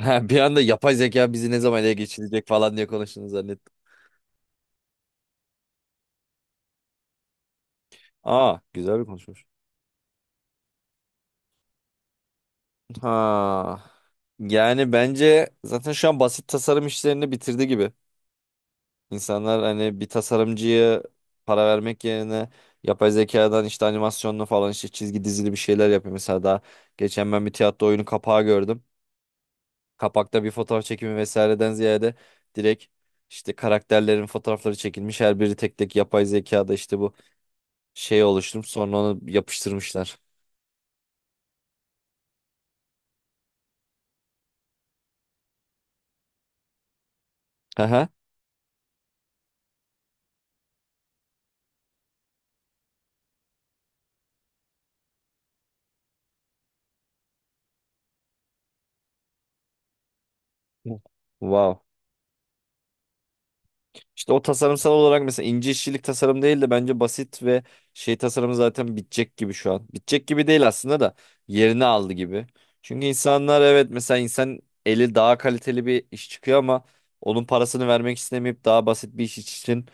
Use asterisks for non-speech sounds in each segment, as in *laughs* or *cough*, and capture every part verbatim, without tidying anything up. Ha, bir anda yapay zeka bizi ne zaman ele geçirecek falan diye konuştuğunu zannettim. Aa, güzel bir konuşmuş. Ha. Yani bence zaten şu an basit tasarım işlerini bitirdi gibi. İnsanlar hani bir tasarımcıya para vermek yerine yapay zekadan işte animasyonlu falan işte çizgi dizili bir şeyler yapıyor. Mesela daha geçen ben bir tiyatro oyunu kapağı gördüm. Kapakta bir fotoğraf çekimi vesaireden ziyade direkt işte karakterlerin fotoğrafları çekilmiş. Her biri tek tek yapay zekada işte bu şey oluşturup sonra onu yapıştırmışlar. Haha. Wow. İşte o tasarımsal olarak mesela ince işçilik tasarım değil de bence basit ve şey tasarımı zaten bitecek gibi şu an. Bitecek gibi değil aslında da yerini aldı gibi. Çünkü insanlar evet mesela insan eli daha kaliteli bir iş çıkıyor ama onun parasını vermek istemeyip daha basit bir iş için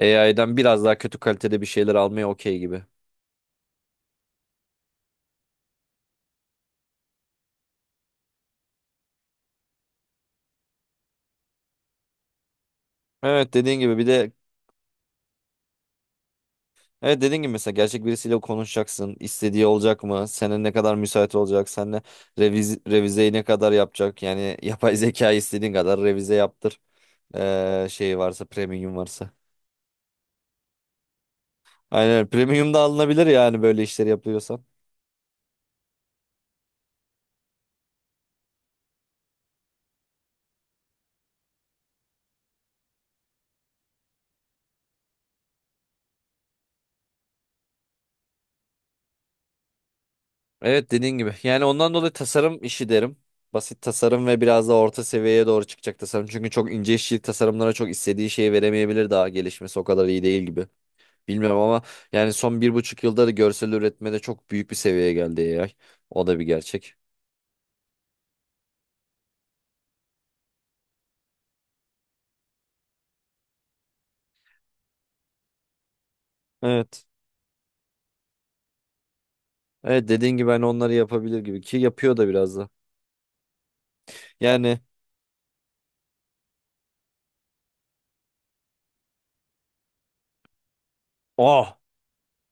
A I'den biraz daha kötü kalitede bir şeyler almaya okey gibi. Evet dediğin gibi bir de Evet dediğin gibi mesela gerçek birisiyle konuşacaksın. İstediği olacak mı? Senin ne kadar müsait olacak? Seninle reviz revizeyi ne kadar yapacak? Yani *laughs* yapay zeka istediğin kadar revize yaptır. Ee, şey varsa premium varsa. Aynen premium da alınabilir yani böyle işleri yapıyorsan. Evet dediğin gibi. Yani ondan dolayı tasarım işi derim. Basit tasarım ve biraz da orta seviyeye doğru çıkacak tasarım. Çünkü çok ince işçilik tasarımlara çok istediği şeyi veremeyebilir daha gelişmesi o kadar iyi değil gibi. Bilmiyorum ama yani son bir buçuk yılda da görsel üretmede çok büyük bir seviyeye geldi A I. O da bir gerçek. Evet. Evet dediğin gibi hani onları yapabilir gibi ki yapıyor da biraz da. Yani ah,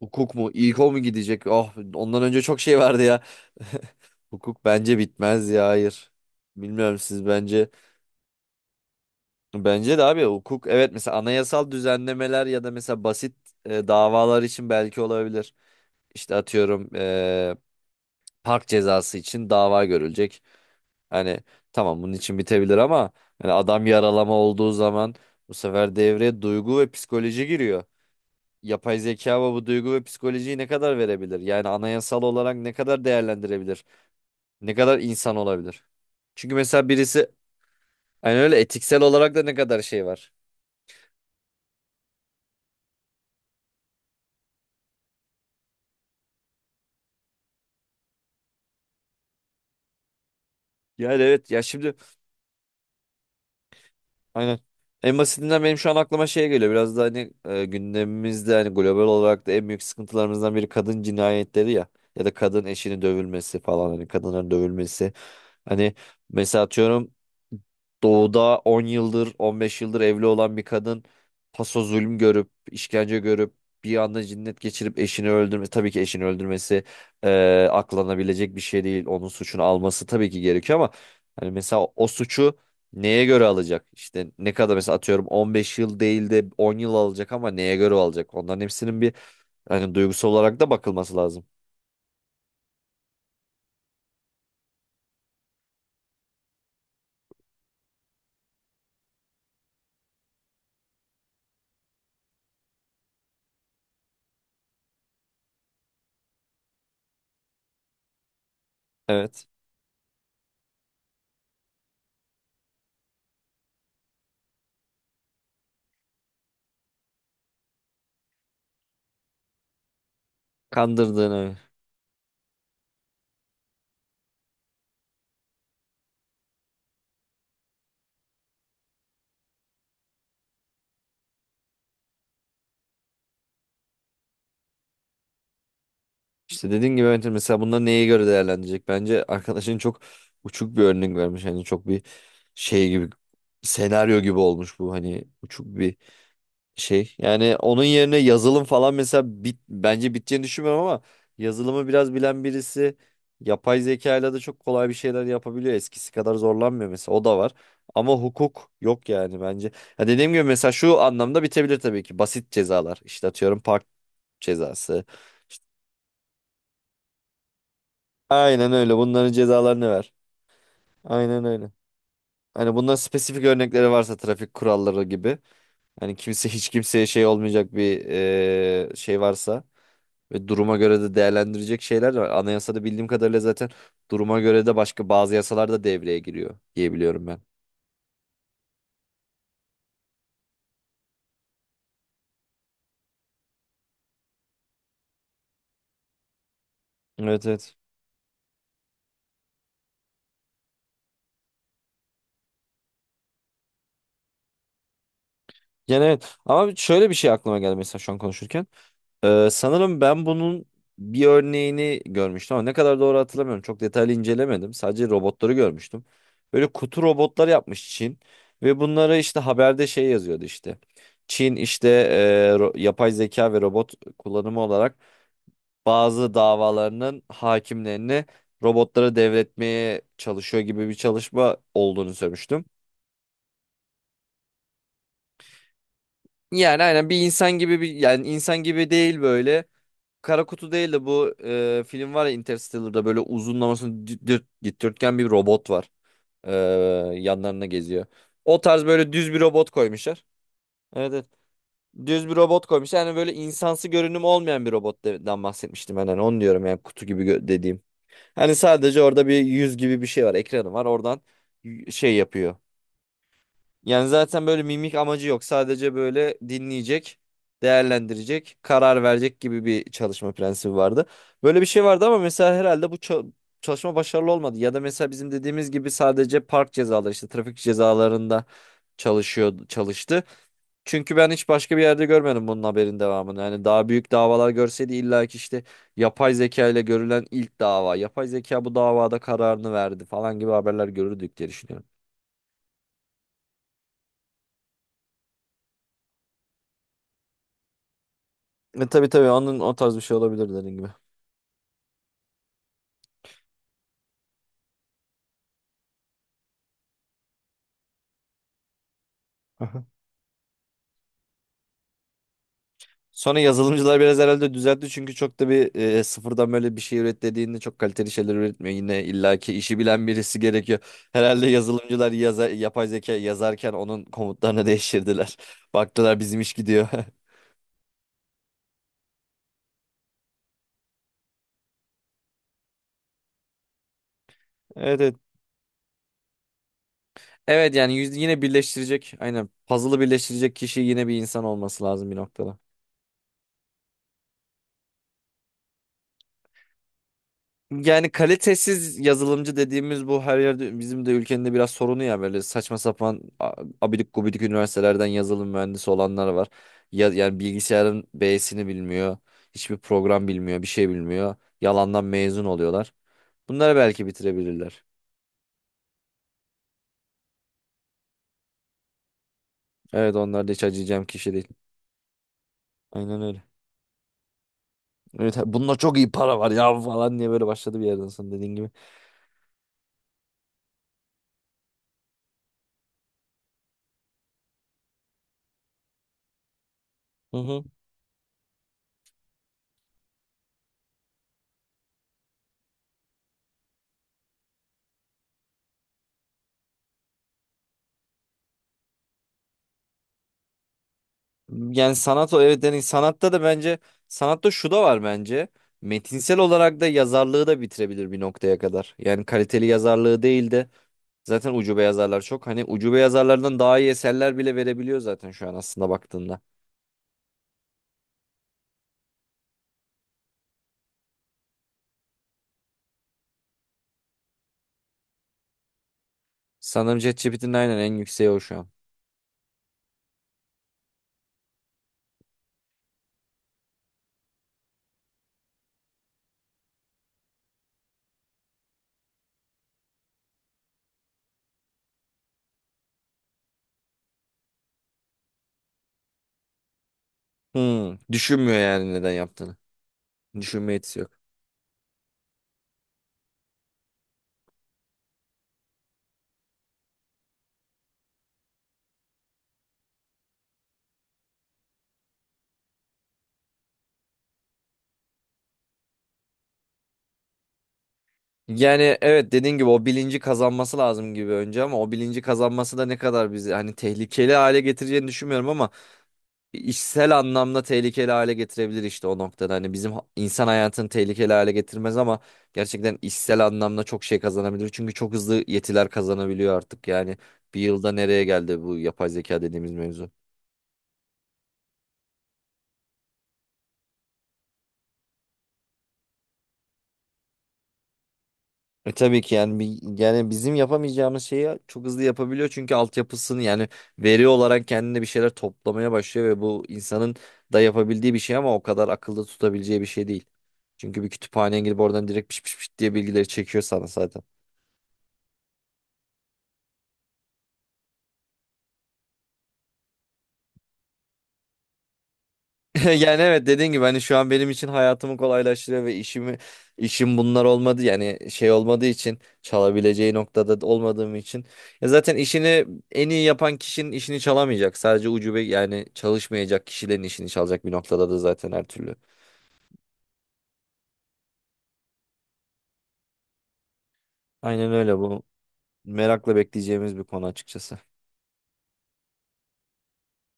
hukuk mu İko mu gidecek? Ah, ondan önce çok şey vardı ya. *laughs* Hukuk bence bitmez ya hayır. Bilmiyorum siz bence. Bence de abi hukuk evet mesela anayasal düzenlemeler ya da mesela basit e, davalar için belki olabilir. İşte atıyorum e, park cezası için dava görülecek. Hani tamam bunun için bitebilir ama hani adam yaralama olduğu zaman bu sefer devreye duygu ve psikoloji giriyor. Yapay zeka bu bu duygu ve psikolojiyi ne kadar verebilir? Yani anayasal olarak ne kadar değerlendirebilir? Ne kadar insan olabilir? Çünkü mesela birisi hani öyle etiksel olarak da ne kadar şey var. Yani evet ya şimdi. Aynen. En basitinden benim şu an aklıma şey geliyor. Biraz da hani e, gündemimizde hani global olarak da en büyük sıkıntılarımızdan biri kadın cinayetleri ya. Ya da kadın eşinin dövülmesi falan hani kadınların dövülmesi. Hani mesela atıyorum doğuda on yıldır on beş yıldır evli olan bir kadın paso zulüm görüp işkence görüp bir anda cinnet geçirip eşini öldürmesi tabii ki eşini öldürmesi e, aklanabilecek bir şey değil onun suçunu alması tabii ki gerekiyor ama hani mesela o suçu neye göre alacak? İşte ne kadar mesela atıyorum on beş yıl değil de on yıl alacak ama neye göre alacak? Onların hepsinin bir hani duygusal olarak da bakılması lazım. Evet. Kandırdığını. İşte dediğin gibi evet, mesela bunlar neye göre değerlendirecek? Bence arkadaşın çok uçuk bir örnek vermiş. Hani çok bir şey gibi senaryo gibi olmuş bu. Hani uçuk bir şey. Yani onun yerine yazılım falan mesela bit, bence biteceğini düşünmüyorum ama yazılımı biraz bilen birisi yapay zekayla da çok kolay bir şeyler yapabiliyor. Eskisi kadar zorlanmıyor mesela o da var. Ama hukuk yok yani bence. Ya dediğim gibi mesela şu anlamda bitebilir tabii ki. Basit cezalar. İşte atıyorum park cezası. İşte aynen öyle. Bunların cezalarını ver. Aynen öyle. Hani bunların spesifik örnekleri varsa trafik kuralları gibi. Hani kimse hiç kimseye şey olmayacak bir eee, şey varsa. Ve duruma göre de değerlendirecek şeyler de var. Anayasada bildiğim kadarıyla zaten duruma göre de başka bazı yasalar da devreye giriyor diye biliyorum ben. Evet, evet. Yani evet ama şöyle bir şey aklıma geldi mesela şu an konuşurken. Ee, sanırım ben bunun bir örneğini görmüştüm ama ne kadar doğru hatırlamıyorum. Çok detaylı incelemedim. Sadece robotları görmüştüm. Böyle kutu robotlar yapmış Çin ve bunlara işte haberde şey yazıyordu işte. Çin işte e, ro- yapay zeka ve robot kullanımı olarak bazı davalarının hakimlerini robotlara devretmeye çalışıyor gibi bir çalışma olduğunu söylemiştim. Yani aynen bir insan gibi bir yani insan gibi değil böyle. Kara kutu değil de bu e, film var ya Interstellar'da böyle uzunlamasını dü- dü- dikdörtgen bir robot var. E, yanlarına geziyor. O tarz böyle düz bir robot koymuşlar. Evet, evet. Düz bir robot koymuşlar. Yani böyle insansı görünüm olmayan bir robottan bahsetmiştim ben. Yani onu diyorum yani kutu gibi gö- dediğim. Hani sadece orada bir yüz gibi bir şey var, ekranı var. Oradan y- şey yapıyor. Yani zaten böyle mimik amacı yok. Sadece böyle dinleyecek, değerlendirecek, karar verecek gibi bir çalışma prensibi vardı. Böyle bir şey vardı ama mesela herhalde bu ça- çalışma başarılı olmadı. Ya da mesela bizim dediğimiz gibi sadece park cezaları işte trafik cezalarında çalışıyor çalıştı. Çünkü ben hiç başka bir yerde görmedim bunun haberin devamını. Yani daha büyük davalar görseydi illa ki işte yapay zeka ile görülen ilk dava. Yapay zeka bu davada kararını verdi falan gibi haberler görürdük diye düşünüyorum. E, tabii tabii onun o tarz bir şey olabilir dediğin gibi. Aha. Sonra yazılımcılar biraz herhalde düzeltti çünkü çok da bir e, sıfırdan böyle bir şey üret dediğinde çok kaliteli şeyler üretmiyor. Yine illaki işi bilen birisi gerekiyor. Herhalde yazılımcılar yaza- yapay zeka yazarken onun komutlarını değiştirdiler. *laughs* Baktılar bizim iş gidiyor. *laughs* Evet, evet. Evet yani yüz- yine birleştirecek aynen puzzle'ı birleştirecek kişi yine bir insan olması lazım bir noktada. Yani kalitesiz yazılımcı dediğimiz bu her yerde bizim de ülkenin de biraz sorunu ya böyle saçma sapan a- abidik gubidik üniversitelerden yazılım mühendisi olanlar var. Ya, yani bilgisayarın B'sini bilmiyor. Hiçbir program bilmiyor, bir şey bilmiyor. Yalandan mezun oluyorlar. Bunları belki bitirebilirler. Evet onlar da hiç acıyacağım kişi değil. Aynen öyle. Evet, ha, bununla çok iyi para var ya falan diye böyle başladı bir yerden sonra dediğin gibi. Hı hı. Yani sanat o evet yani sanatta da bence sanatta şu da var bence. Metinsel olarak da yazarlığı da bitirebilir bir noktaya kadar. Yani kaliteli yazarlığı değil de zaten ucube yazarlar çok. Hani ucube yazarlardan daha iyi eserler bile verebiliyor zaten şu an aslında baktığında. Sanırım ChatGPT'nin aynen en yükseği o şu an. Hmm, düşünmüyor yani neden yaptığını. Düşünme yetisi yok. Yani evet dediğin gibi o bilinci kazanması lazım gibi önce ama o bilinci kazanması da ne kadar bizi hani tehlikeli hale getireceğini düşünmüyorum ama işsel anlamda tehlikeli hale getirebilir işte o noktada. Hani bizim ha- insan hayatını tehlikeli hale getirmez ama gerçekten işsel anlamda çok şey kazanabilir. Çünkü çok hızlı yetiler kazanabiliyor artık. Yani bir yılda nereye geldi bu yapay zeka dediğimiz mevzu? E tabii ki yani bir, yani bizim yapamayacağımız şeyi çok hızlı yapabiliyor çünkü altyapısını yani veri olarak kendine bir şeyler toplamaya başlıyor ve bu insanın da yapabildiği bir şey ama o kadar akılda tutabileceği bir şey değil. Çünkü bir kütüphaneye girip oradan direkt piş piş piş diye bilgileri çekiyor sana zaten. *laughs* Yani evet dediğin gibi hani şu an benim için hayatımı kolaylaştırıyor ve işimi işim bunlar olmadı yani şey olmadığı için çalabileceği noktada da olmadığım için ya zaten işini en iyi yapan kişinin işini çalamayacak sadece ucube yani çalışmayacak kişilerin işini çalacak bir noktada da zaten her türlü. Aynen öyle bu merakla bekleyeceğimiz bir konu açıkçası.